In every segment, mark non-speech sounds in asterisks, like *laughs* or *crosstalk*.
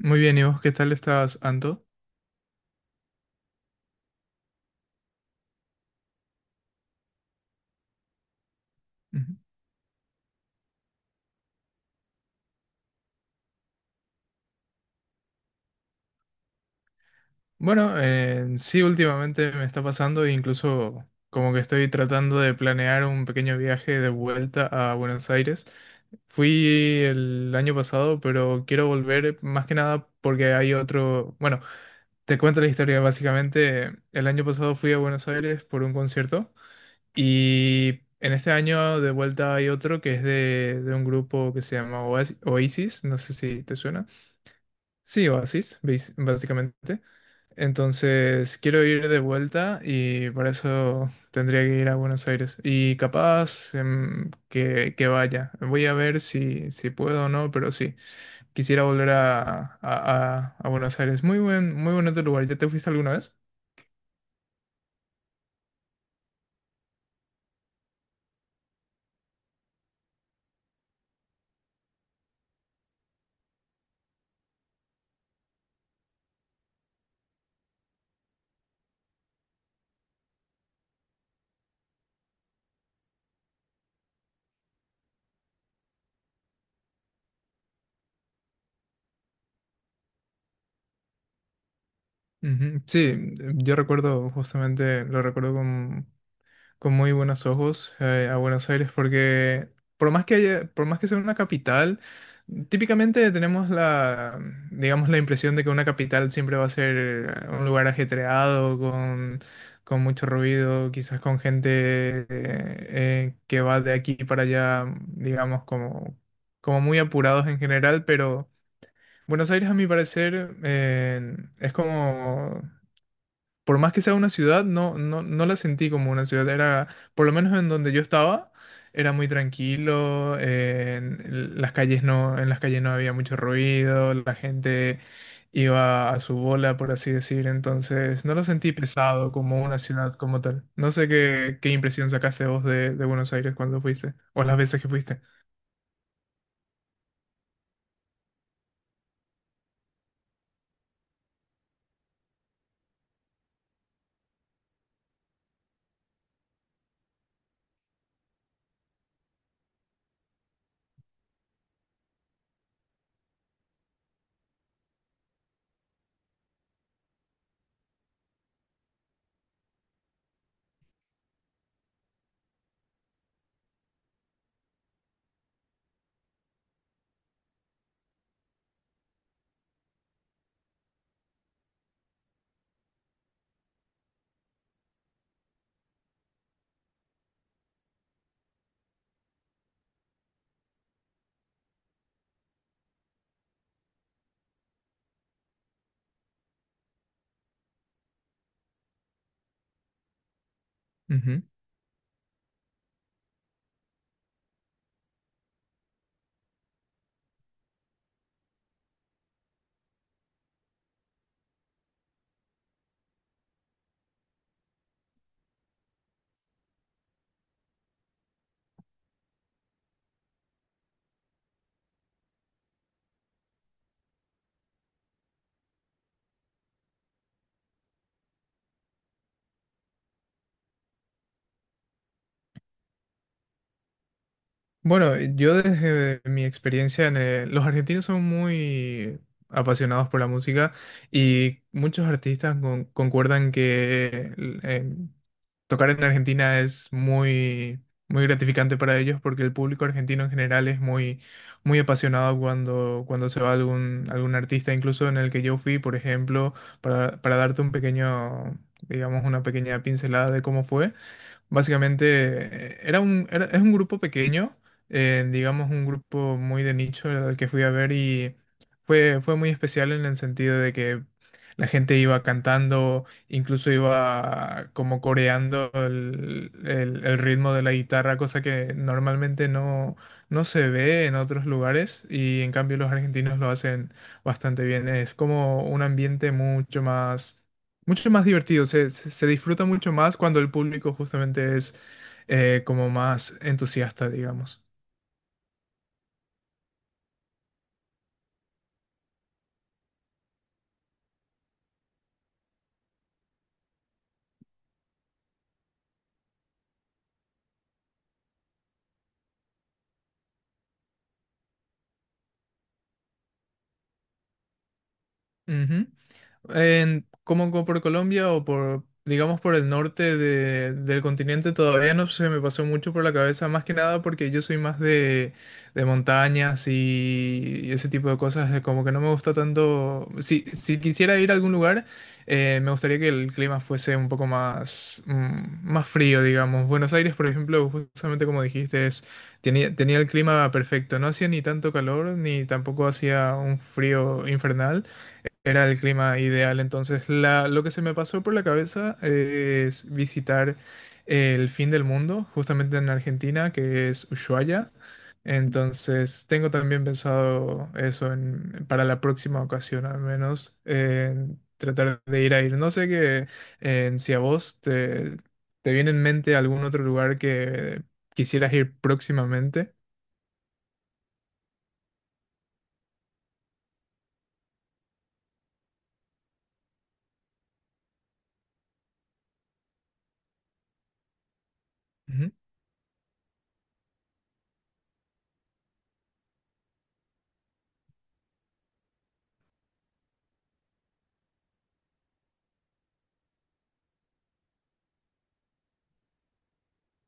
Muy bien, ¿y vos qué tal estás, Anto? Ujú. Bueno, sí, últimamente me está pasando, e incluso como que estoy tratando de planear un pequeño viaje de vuelta a Buenos Aires. Fui el año pasado, pero quiero volver más que nada porque hay otro. Bueno, te cuento la historia. Básicamente, el año pasado fui a Buenos Aires por un concierto y en este año de vuelta hay otro que es de un grupo que se llama Oasis, no sé si te suena. Sí, Oasis, básicamente. Entonces, quiero ir de vuelta y para eso tendría que ir a Buenos Aires. Y capaz que vaya. Voy a ver si puedo o no, pero sí. Quisiera volver a Buenos Aires. Muy bonito lugar. ¿Ya te fuiste alguna vez? Ujú. Sí, yo recuerdo justamente, lo recuerdo con muy buenos ojos a Buenos Aires porque por más que sea una capital, típicamente tenemos digamos, la impresión de que una capital siempre va a ser un lugar ajetreado, con mucho ruido, quizás con gente que va de aquí para allá, digamos, como muy apurados en general, pero Buenos Aires, a mi parecer, es como, por más que sea una ciudad, no la sentí como una ciudad. Era, por lo menos en donde yo estaba, era muy tranquilo. En las calles en las calles no había mucho ruido, la gente iba a su bola, por así decir. Entonces, no lo sentí pesado como una ciudad como tal. No sé qué impresión sacaste vos de Buenos Aires cuando fuiste, o las veces que fuiste. Bueno, yo desde mi experiencia en los argentinos son muy apasionados por la música y muchos artistas concuerdan que eh, tocar en Argentina es muy gratificante para ellos porque el público argentino en general es muy apasionado cuando se va algún artista, incluso en el que yo fui, por ejemplo, para darte un pequeño, digamos, una pequeña pincelada de cómo fue. Básicamente, era es un grupo pequeño, digamos un grupo muy de nicho al que fui a ver y fue muy especial en el sentido de que la gente iba cantando, incluso iba como coreando el ritmo de la guitarra, cosa que normalmente no se ve en otros lugares y en cambio los argentinos lo hacen bastante bien. Es como un ambiente mucho más divertido, se disfruta mucho más cuando el público justamente es como más entusiasta, digamos. En, como, como por Colombia o por, digamos, por el norte del continente todavía no se me pasó mucho por la cabeza, más que nada porque yo soy más de montañas y ese tipo de cosas, como que no me gusta tanto. Si quisiera ir a algún lugar, me gustaría que el clima fuese un poco más, más frío, digamos. Buenos Aires, por ejemplo, justamente como dijiste, es, tenía el clima perfecto, no hacía ni tanto calor ni tampoco hacía un frío infernal. Era el clima ideal, entonces lo que se me pasó por la cabeza es visitar el fin del mundo, justamente en Argentina, que es Ushuaia. Entonces tengo también pensado eso para la próxima ocasión, al menos, en tratar de ir. No sé que, en si a vos te viene en mente algún otro lugar que quisieras ir próximamente.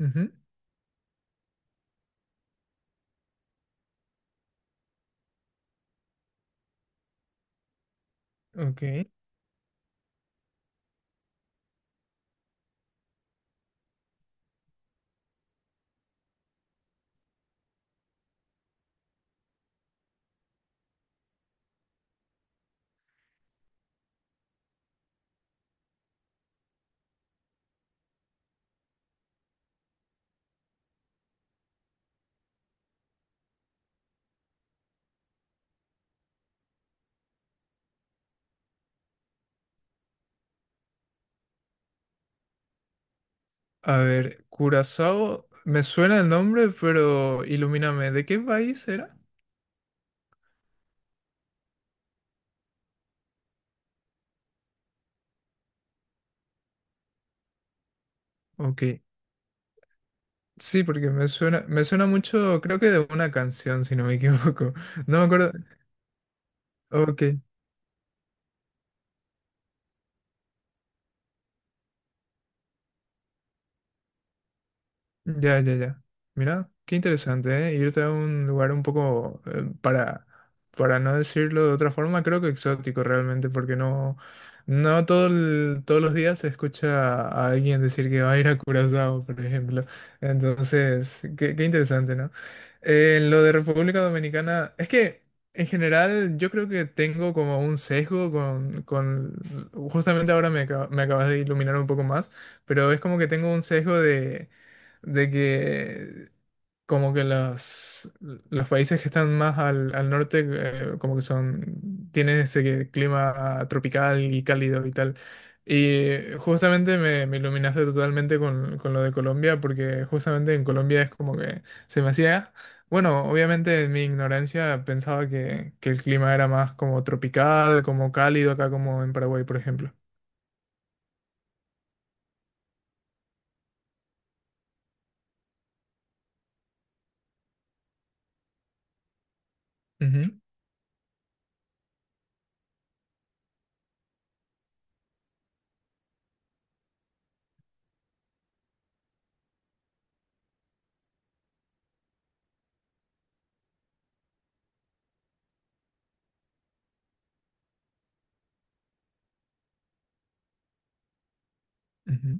Ujú, ujú. Ok. A ver, Curazao, me suena el nombre, pero ilumíname, ¿de qué país era? Ok. Sí, porque me suena mucho, creo que de una canción, si no me equivoco. *laughs* No me acuerdo. Ok. Ya, ya, ya. Mira, qué interesante, ¿eh? Irte a un lugar un poco, para no decirlo de otra forma, creo que exótico realmente, porque no, no todo todos los días se escucha a alguien decir que va a ir a Curazao, por ejemplo. Entonces, qué interesante, ¿no? En lo de República Dominicana, es que en general yo creo que tengo como un sesgo con justamente ahora me acabas de iluminar un poco más, pero es como que tengo un sesgo de que como que los países que están más al norte como que son, tienen este clima tropical y cálido y tal. Y justamente me iluminaste totalmente con lo de Colombia, porque justamente en Colombia es como que se me hacía, bueno, obviamente en mi ignorancia pensaba que el clima era más como tropical, como cálido acá como en Paraguay, por ejemplo. Ujú, ujú.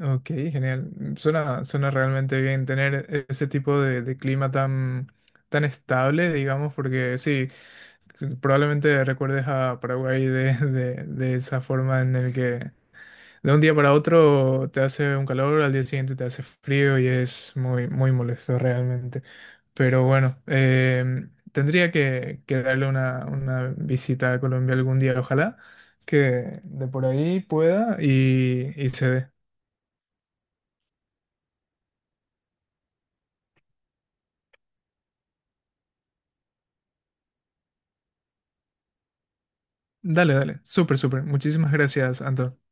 Ok, genial. Suena realmente bien tener ese tipo de clima tan estable, digamos, porque sí, probablemente recuerdes a Paraguay de, *laughs* de esa forma en el que de un día para otro te hace un calor, al día siguiente te hace frío y es muy, muy molesto realmente. Pero bueno, tendría que darle una visita a Colombia algún día, ojalá que de por ahí pueda y se dé. Dale, dale. Súper, súper. Muchísimas gracias, Anton. Me